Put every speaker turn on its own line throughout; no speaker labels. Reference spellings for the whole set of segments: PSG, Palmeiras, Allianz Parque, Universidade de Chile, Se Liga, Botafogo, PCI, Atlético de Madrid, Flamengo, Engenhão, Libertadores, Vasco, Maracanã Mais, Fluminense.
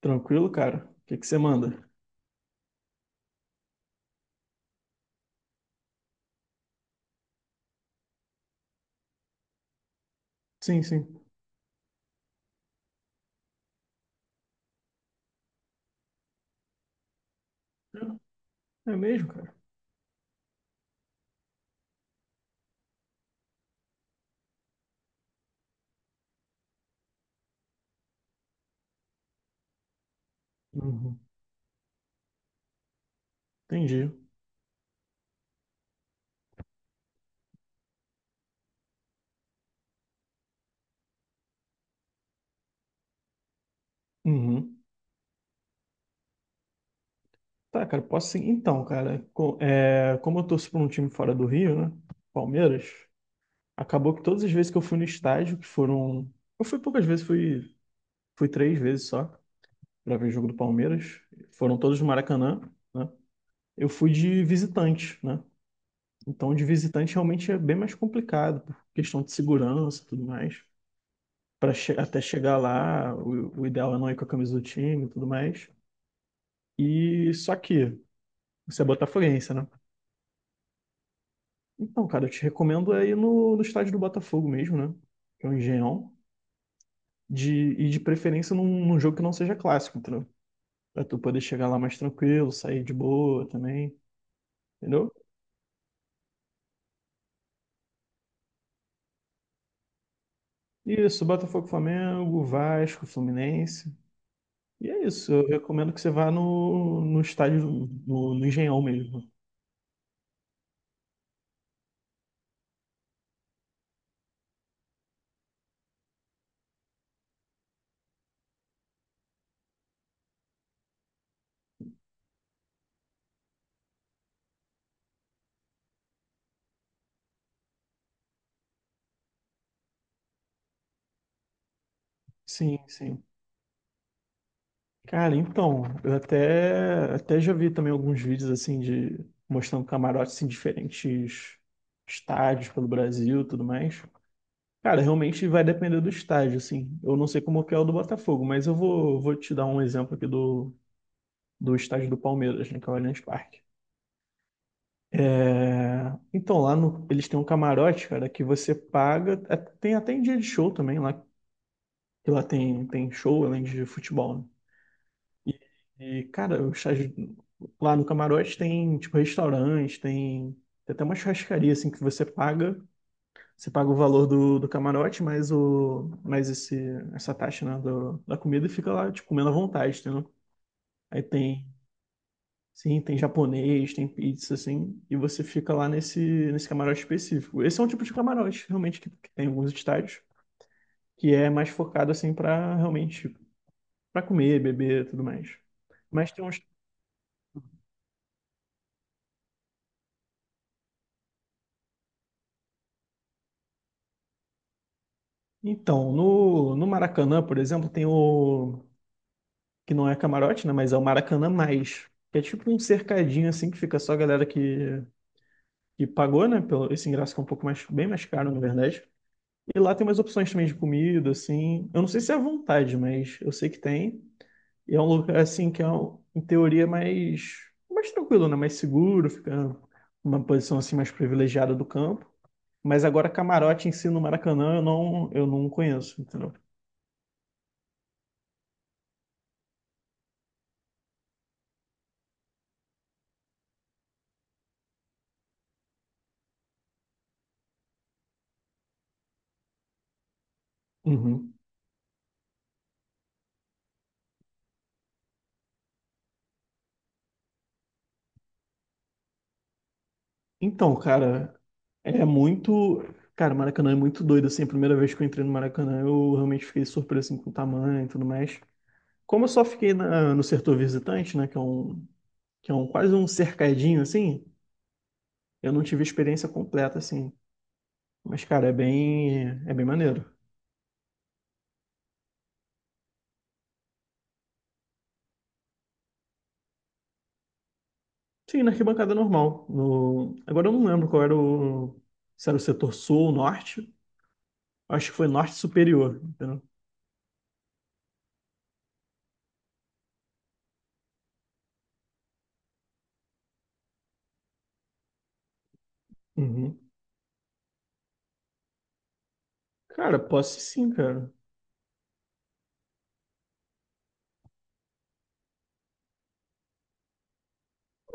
Tranquilo, cara? O que que você manda? Sim, sim. É mesmo, cara? Uhum. Entendi. Uhum. Tá, cara, posso sim. Então, cara, como eu torço para um time fora do Rio, né? Palmeiras, acabou que todas as vezes que eu fui no estádio, que foram. Eu fui poucas vezes, fui três vezes só para ver jogo do Palmeiras. Foram todos no Maracanã, né? Eu fui de visitante, né? Então, de visitante realmente é bem mais complicado, por questão de segurança e tudo mais. Para até chegar lá, o ideal é não ir com a camisa do time e tudo mais. E só que você é botafoguense, né? Então, cara, eu te recomendo é ir no estádio do Botafogo mesmo, né? Que é o Engenhão. De, de preferência num jogo que não seja clássico, entendeu? Pra tu poder chegar lá mais tranquilo, sair de boa também, entendeu? Isso, Botafogo, Flamengo, Vasco, Fluminense. E é isso, eu recomendo que você vá no estádio, no Engenhão mesmo. Sim, sim. Cara, então, eu até já vi também alguns vídeos assim de mostrando camarotes em diferentes estádios pelo Brasil, e tudo mais. Cara, realmente vai depender do estádio, assim. Eu não sei como que é o do Botafogo, mas eu vou te dar um exemplo aqui do estádio do Palmeiras, né, que é o Allianz Parque. Então, lá no- eles têm um camarote, cara, que você paga. Tem até em dia de show também lá, que lá tem show além de futebol, né? E, cara, lá no camarote tem, tipo, restaurante, tem até uma churrascaria, assim, que você paga. Você paga o valor do camarote, mais, mais esse, essa taxa, né, da comida e fica lá, tipo, comendo à vontade, entendeu? Aí tem, sim, tem japonês, tem pizza, assim, e você fica lá nesse camarote específico. Esse é um tipo de camarote, realmente, que tem em alguns estádios, que é mais focado, assim, pra realmente, pra comer, beber e tudo mais. Mas tem uns. Então, no Maracanã, por exemplo, tem o. Que não é camarote, né? Mas é o Maracanã Mais. Que é tipo um cercadinho assim que fica só a galera que pagou, né? Pelo, esse ingresso que é um pouco mais, bem mais caro, na verdade. E lá tem umas opções também de comida, assim. Eu não sei se é à vontade, mas eu sei que tem. E é um lugar assim que é, em teoria, mais tranquilo, né? Mais seguro, fica uma posição assim mais privilegiada do campo. Mas agora camarote em si no Maracanã eu não conheço, entendeu? Uhum. Então, cara, é muito. Cara, Maracanã é muito doido, assim. A primeira vez que eu entrei no Maracanã, eu realmente fiquei surpreso, assim, com o tamanho e tudo mais. Como eu só fiquei no setor visitante, né, que é um quase um cercadinho, assim, eu não tive a experiência completa, assim. Mas, cara, é bem maneiro. Sim, na arquibancada normal. No... Agora eu não lembro qual era o. Se era o setor sul ou norte. Acho que foi norte superior, entendeu? Uhum. Cara, posso sim, cara.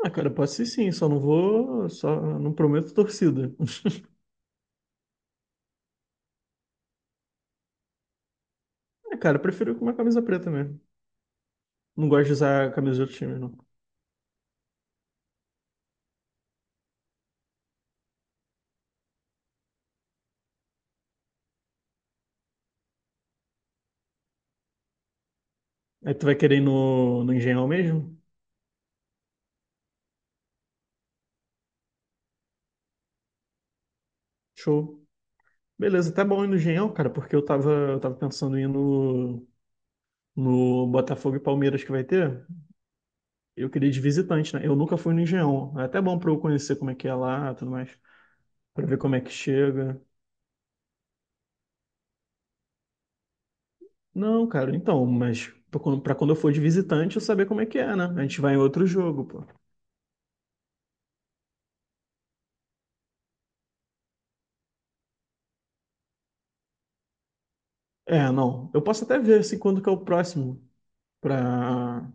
Ah, cara, pode ser sim, só não vou. Só não prometo torcida. É, cara, eu prefiro com uma camisa preta mesmo. Não gosto de usar a camisa de outro time, não. Aí tu vai querer ir no Engenhão mesmo? Show. Beleza, até bom ir no Engenhão, cara, porque eu tava pensando em ir no Botafogo e Palmeiras que vai ter. Eu queria ir de visitante, né? Eu nunca fui no Engenhão. É até bom pra eu conhecer como é que é lá e tudo mais. Pra ver como é que chega. Não, cara, então, mas pra quando eu for de visitante, eu saber como é que é, né? A gente vai em outro jogo, pô. É, não. Eu posso até ver assim quando que é o próximo pra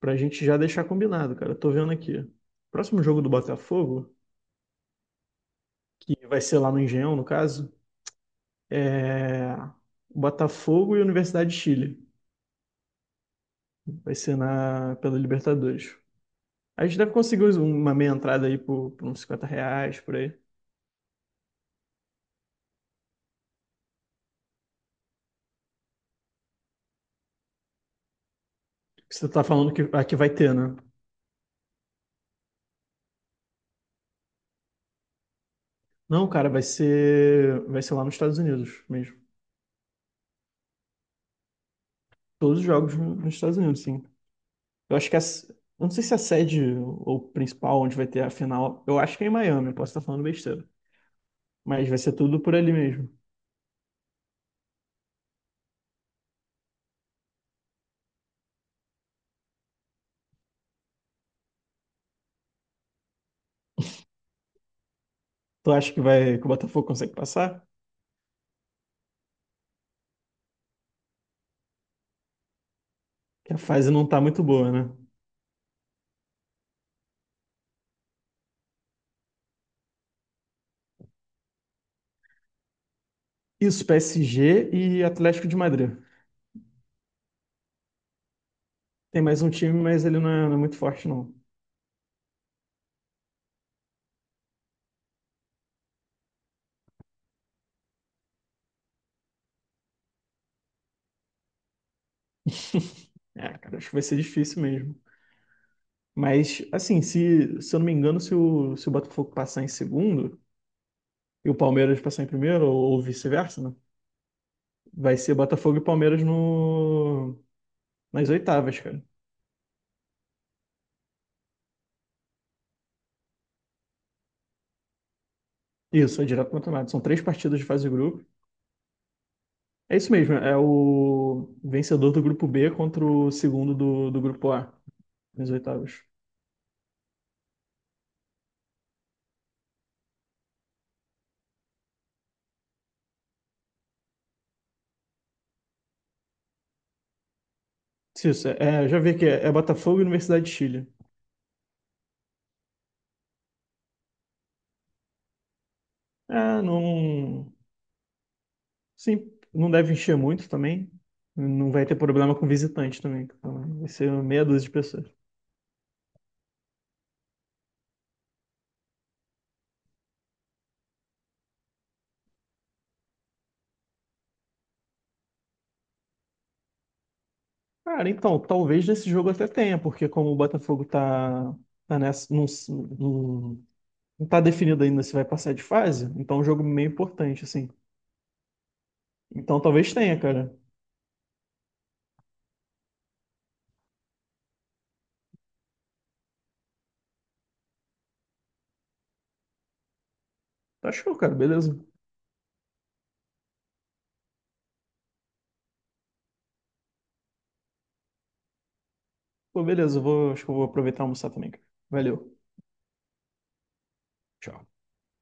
pra gente já deixar combinado, cara. Eu tô vendo aqui. Próximo jogo do Botafogo, que vai ser lá no Engenhão, no caso, é Botafogo e Universidade de Chile. Vai ser na pela Libertadores. A gente deve conseguir uma meia entrada aí por uns R$ 50, por aí. Você tá falando que aqui vai ter, né? Não, cara, vai ser lá nos Estados Unidos mesmo. Todos os jogos nos Estados Unidos, sim. Eu acho que eu não sei se a sede ou principal onde vai ter a final, eu acho que é em Miami, eu posso estar falando besteira, mas vai ser tudo por ali mesmo. Tu acha que vai que o Botafogo consegue passar? Que a fase não tá muito boa, né? Isso, PSG e Atlético de Madrid. Tem mais um time, mas ele não é muito forte, não. É, cara, acho que vai ser difícil mesmo. Mas, assim, se eu não me engano, se o Botafogo passar em segundo e o Palmeiras passar em primeiro, ou vice-versa, né? Vai ser Botafogo e Palmeiras no, nas oitavas, cara. Isso, é direto campeonato. São três partidas de fase de grupo. É isso mesmo, é o vencedor do grupo B contra o segundo do grupo A, nas oitavas. Isso, é, já vi que é Botafogo e Universidade de Chile. É, não. Sim, não deve encher muito também. Não vai ter problema com visitante também. Então, vai ser meia dúzia de pessoas. Cara, então, talvez nesse jogo até tenha, porque como o Botafogo tá, nessa. Não, não, não tá definido ainda se vai passar de fase, então é um jogo meio importante, assim. Então talvez tenha, cara. Tá show, cara. Beleza. Pô, beleza. Acho que eu vou aproveitar e almoçar também, cara. Valeu. Tchau.